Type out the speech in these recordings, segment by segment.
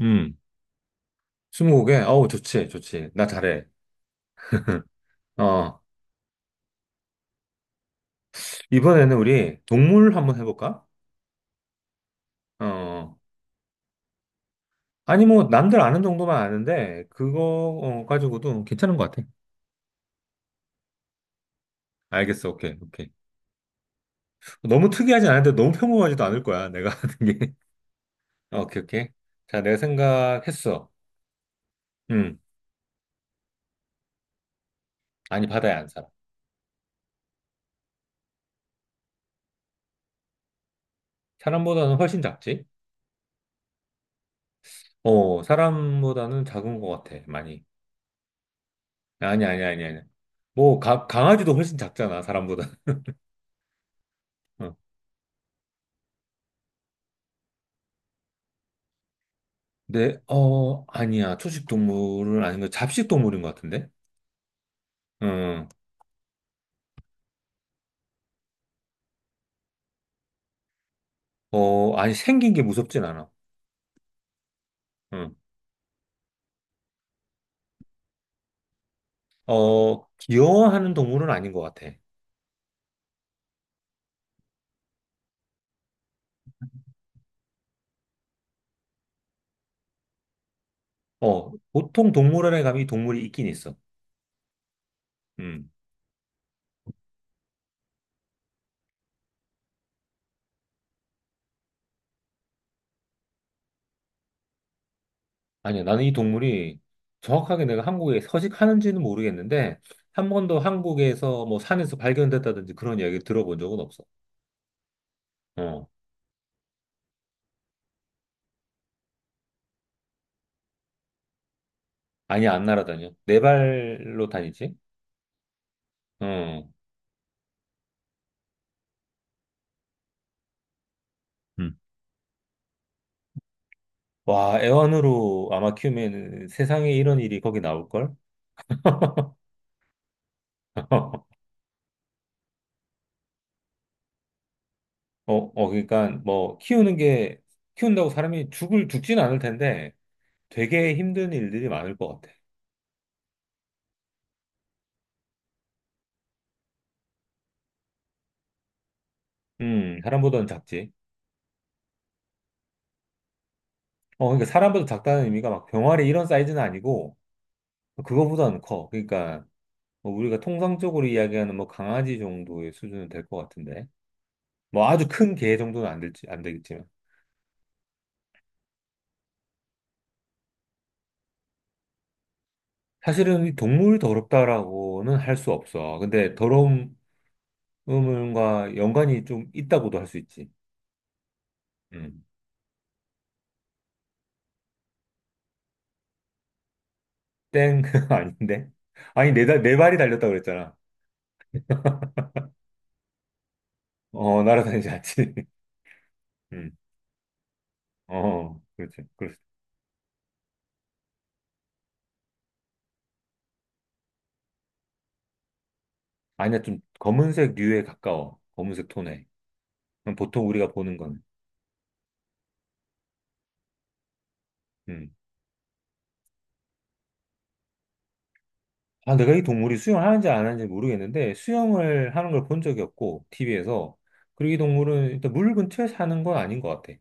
음, 스무고개? 어우, 좋지, 좋지. 나 잘해. 어, 이번에는 우리 동물 한번 해볼까? 어, 아니, 뭐, 남들 아는 정도만 아는데, 그거 가지고도 괜찮은 것 같아. 알겠어, 오케이, 오케이. 너무 특이하지 않은데 너무 평범하지도 않을 거야, 내가 하는 게. 어, 오케이, 오케이. 자, 내가 생각했어. 음, 아니, 바다에 안 살아. 사람보다는 훨씬 작지? 어, 사람보다는 작은 것 같아, 많이. 아니, 아니, 아니, 아니. 뭐, 강아지도 훨씬 작잖아, 사람보다. 네, 어, 아니야. 초식 동물은 아니면 잡식 동물인 것 같은데? 응, 어, 아니, 생긴 게 무섭진 않아. 응, 어, 귀여워하는 동물은 아닌 것 같아. 어, 보통 동물원에 가면 이 동물이 있긴 있어. 음, 아니야. 나는 이 동물이 정확하게 내가 한국에 서식하는지는 모르겠는데, 한 번도 한국에서 뭐 산에서 발견됐다든지 그런 이야기 들어본 적은 없어. 어, 아니 안 날아다녀. 네 발로 다니지? 어. 음. 와, 애완으로 아마 키우면 세상에 이런 일이 거기 나올걸? 어, 어, 그러니까 뭐 키우는 게 키운다고 사람이 죽을 죽진 않을 텐데 되게 힘든 일들이 많을 것 같아. 사람보다는 작지. 어, 그러니까 사람보다 작다는 의미가 막 병아리 이런 사이즈는 아니고 그거보다는 커. 그러니까 뭐 우리가 통상적으로 이야기하는 뭐 강아지 정도의 수준은 될 것 같은데 뭐 아주 큰 개 정도는 안 될지 안 되겠지만 사실은 이 동물이 더럽다라고는 할 수 없어. 근데 더러움 음과 연관이 좀 있다고도 할 수 있지. 음. 땡 아닌데? 아니 내 발이 달렸다 그랬잖아. 어 날아다니지 않지. 음. 어 그렇지. 그렇지. 아니야 좀 검은색 류에 가까워. 검은색 톤에. 그럼 보통 우리가 보는 거는. 음. 아 내가 이 동물이 수영하는지 안 하는지 모르겠는데 수영을 하는 걸 본 적이 없고 TV에서. 그리고 이 동물은 일단 물 근처에 사는 건 아닌 것 같아.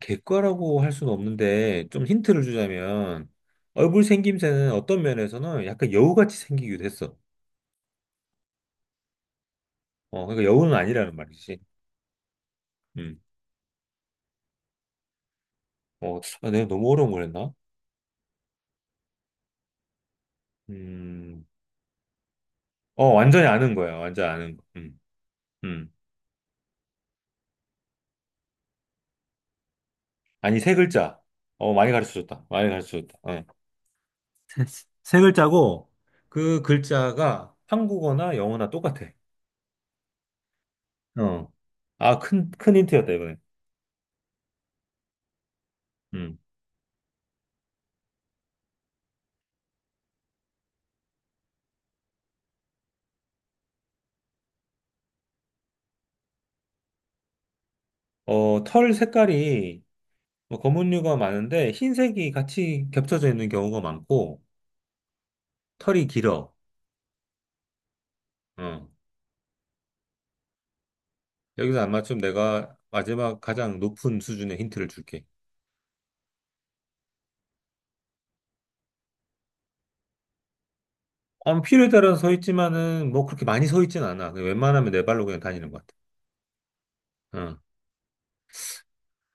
객과라고 할 수는 없는데 좀 힌트를 주자면 얼굴 생김새는 어떤 면에서는 약간 여우같이 생기기도 했어. 어, 그러니까 여우는 아니라는 말이지. 음. 어, 아, 내가 너무 어려운 걸 했나? 음. 어, 완전히 아는 거야. 완전 아는 거. 음. 음. 아니, 세 글자. 어, 많이 가르쳐줬다. 많이 가르쳐줬다. 어. 세, 세 글자고 그 글자가 한국어나 영어나 똑같아. 어. 아, 큰 힌트였다, 이번에. 음. 어, 털 색깔이 뭐 검은류가 많은데 흰색이 같이 겹쳐져 있는 경우가 많고 털이 길어. 어. 여기서 아마 좀 내가 마지막 가장 높은 수준의 힌트를 줄게. 어, 필요에 따라 서 있지만은 뭐 그렇게 많이 서 있진 않아. 그냥 웬만하면 네 발로 그냥 다니는 것 같아. 어.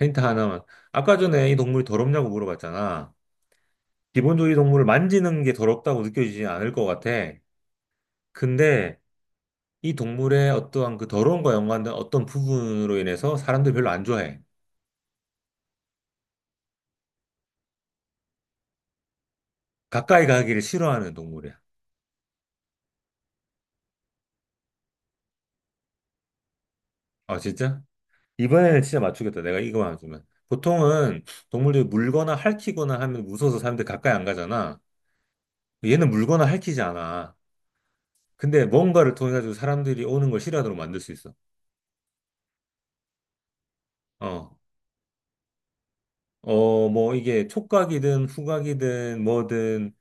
힌트 하나만. 아까 전에 이 동물이 더럽냐고 물어봤잖아. 기본적으로 이 동물을 만지는 게 더럽다고 느껴지지 않을 것 같아. 근데 이 동물의 어떠한 그 더러움과 연관된 어떤 부분으로 인해서 사람들이 별로 안 좋아해. 가까이 가기를 싫어하는 동물이야. 아, 진짜? 이번에는 진짜 맞추겠다. 내가 이거만 맞추면. 보통은 동물들이 물거나 핥히거나 하면 무서워서 사람들이 가까이 안 가잖아. 얘는 물거나 핥히지 않아. 근데 뭔가를 통해 가지고 사람들이 오는 걸 싫어하도록 만들 수 있어. 어. 어, 뭐 이게 촉각이든 후각이든 뭐든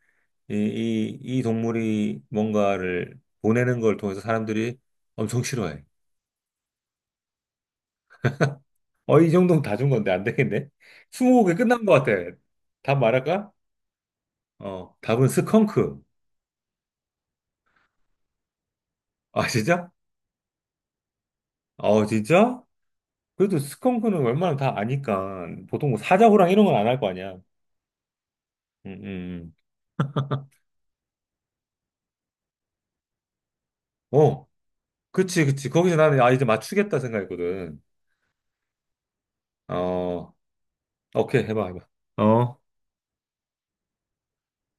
이 동물이 뭔가를 보내는 걸 통해서 사람들이 엄청 싫어해. 어, 이 정도면 다 준 건데 안 되겠네? 스무고개 끝난 것 같아. 답 말할까? 어, 답은 스컹크. 아, 진짜? 어, 진짜? 그래도 스컹크는 웬만하면 다 아니까. 보통 뭐 사자고랑 이런 건 안 할 거 아니야. 음. 음. 어, 그치, 그치. 거기서 나는, 아, 이제 맞추겠다 생각했거든. 어, 오케이, 해봐, 해봐. 어,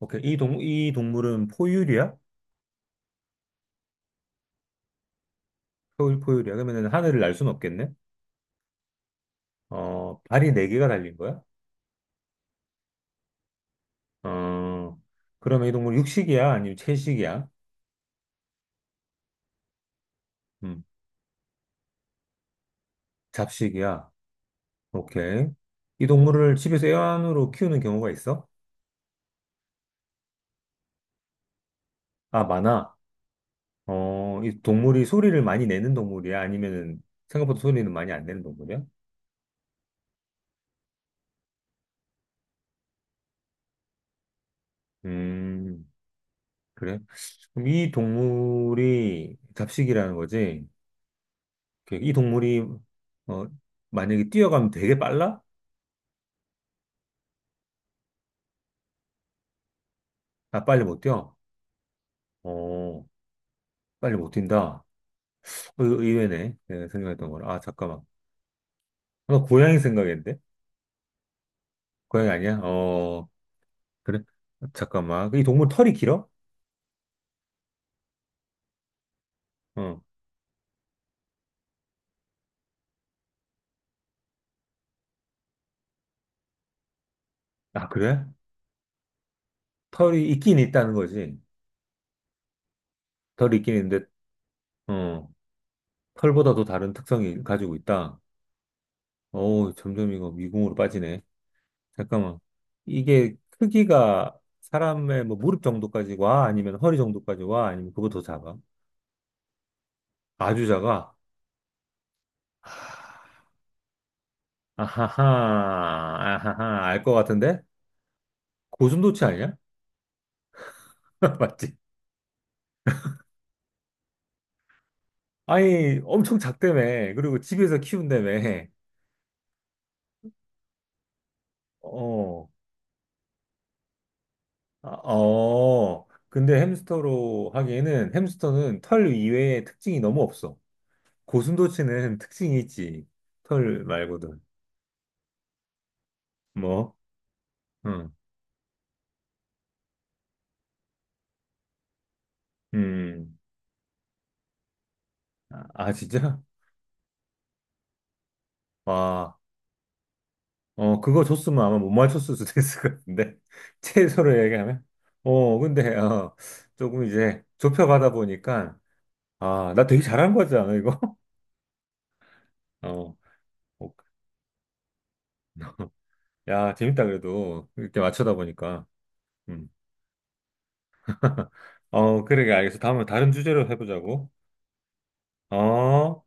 오케이. 이 동물은 포유류야? 포유류야? 그러면은 하늘을 날 수는 없겠네? 어, 발이 네개가 달린 거야? 어, 그러면 이 동물 육식이야? 아니면 채식이야? 음, 잡식이야? 오케이. 이 동물을 집에서 애완으로 키우는 경우가 있어? 아, 많아. 어, 이 동물이 소리를 많이 내는 동물이야? 아니면은 생각보다 소리는 많이 안 내는 동물이야? 음, 그래? 그럼 이 동물이 잡식이라는 거지? 그, 이 동물이, 어, 만약에 뛰어가면 되게 빨라? 아, 빨리 못 뛰어? 어, 빨리 못 뛴다? 어, 이거 의외네. 내가 생각했던 거랑. 아, 잠깐만. 나 고양이 생각했는데? 고양이 아니야? 어, 그래? 잠깐만. 그 이 동물 털이 길어? 어. 아, 그래? 털이 있긴 있다는 거지. 털이 있긴 있는데, 어. 털보다도 다른 특성이 가지고 있다. 어우, 점점 이거 미궁으로 빠지네. 잠깐만. 이게 크기가 사람의 뭐 무릎 정도까지 와? 아니면 허리 정도까지 와? 아니면 그거 더 작아? 아주 작아? 하, 아하하, 아하하, 알 것 같은데? 고슴도치 아니야? 맞지? 아니, 엄청 작다며. 그리고 집에서 키운다며. 어, 아, 어. 근데 햄스터로 하기에는 햄스터는 털 이외에 특징이 너무 없어. 고슴도치는 특징이 있지. 털 말고도. 뭐? 응. 음. 아, 아, 진짜? 와. 어, 그거 줬으면 아마 못 맞췄을 수도 있을 것 같은데. 채소로 얘기하면. 어, 근데, 어, 조금 이제 좁혀가다 보니까, 아, 나 되게 잘한 거지 않아, 이거? 어. 어, 야, 재밌다, 그래도. 이렇게 맞추다 보니까. 음. 어, 그러게, 알겠어. 다음에 다른 주제로 해보자고. 어.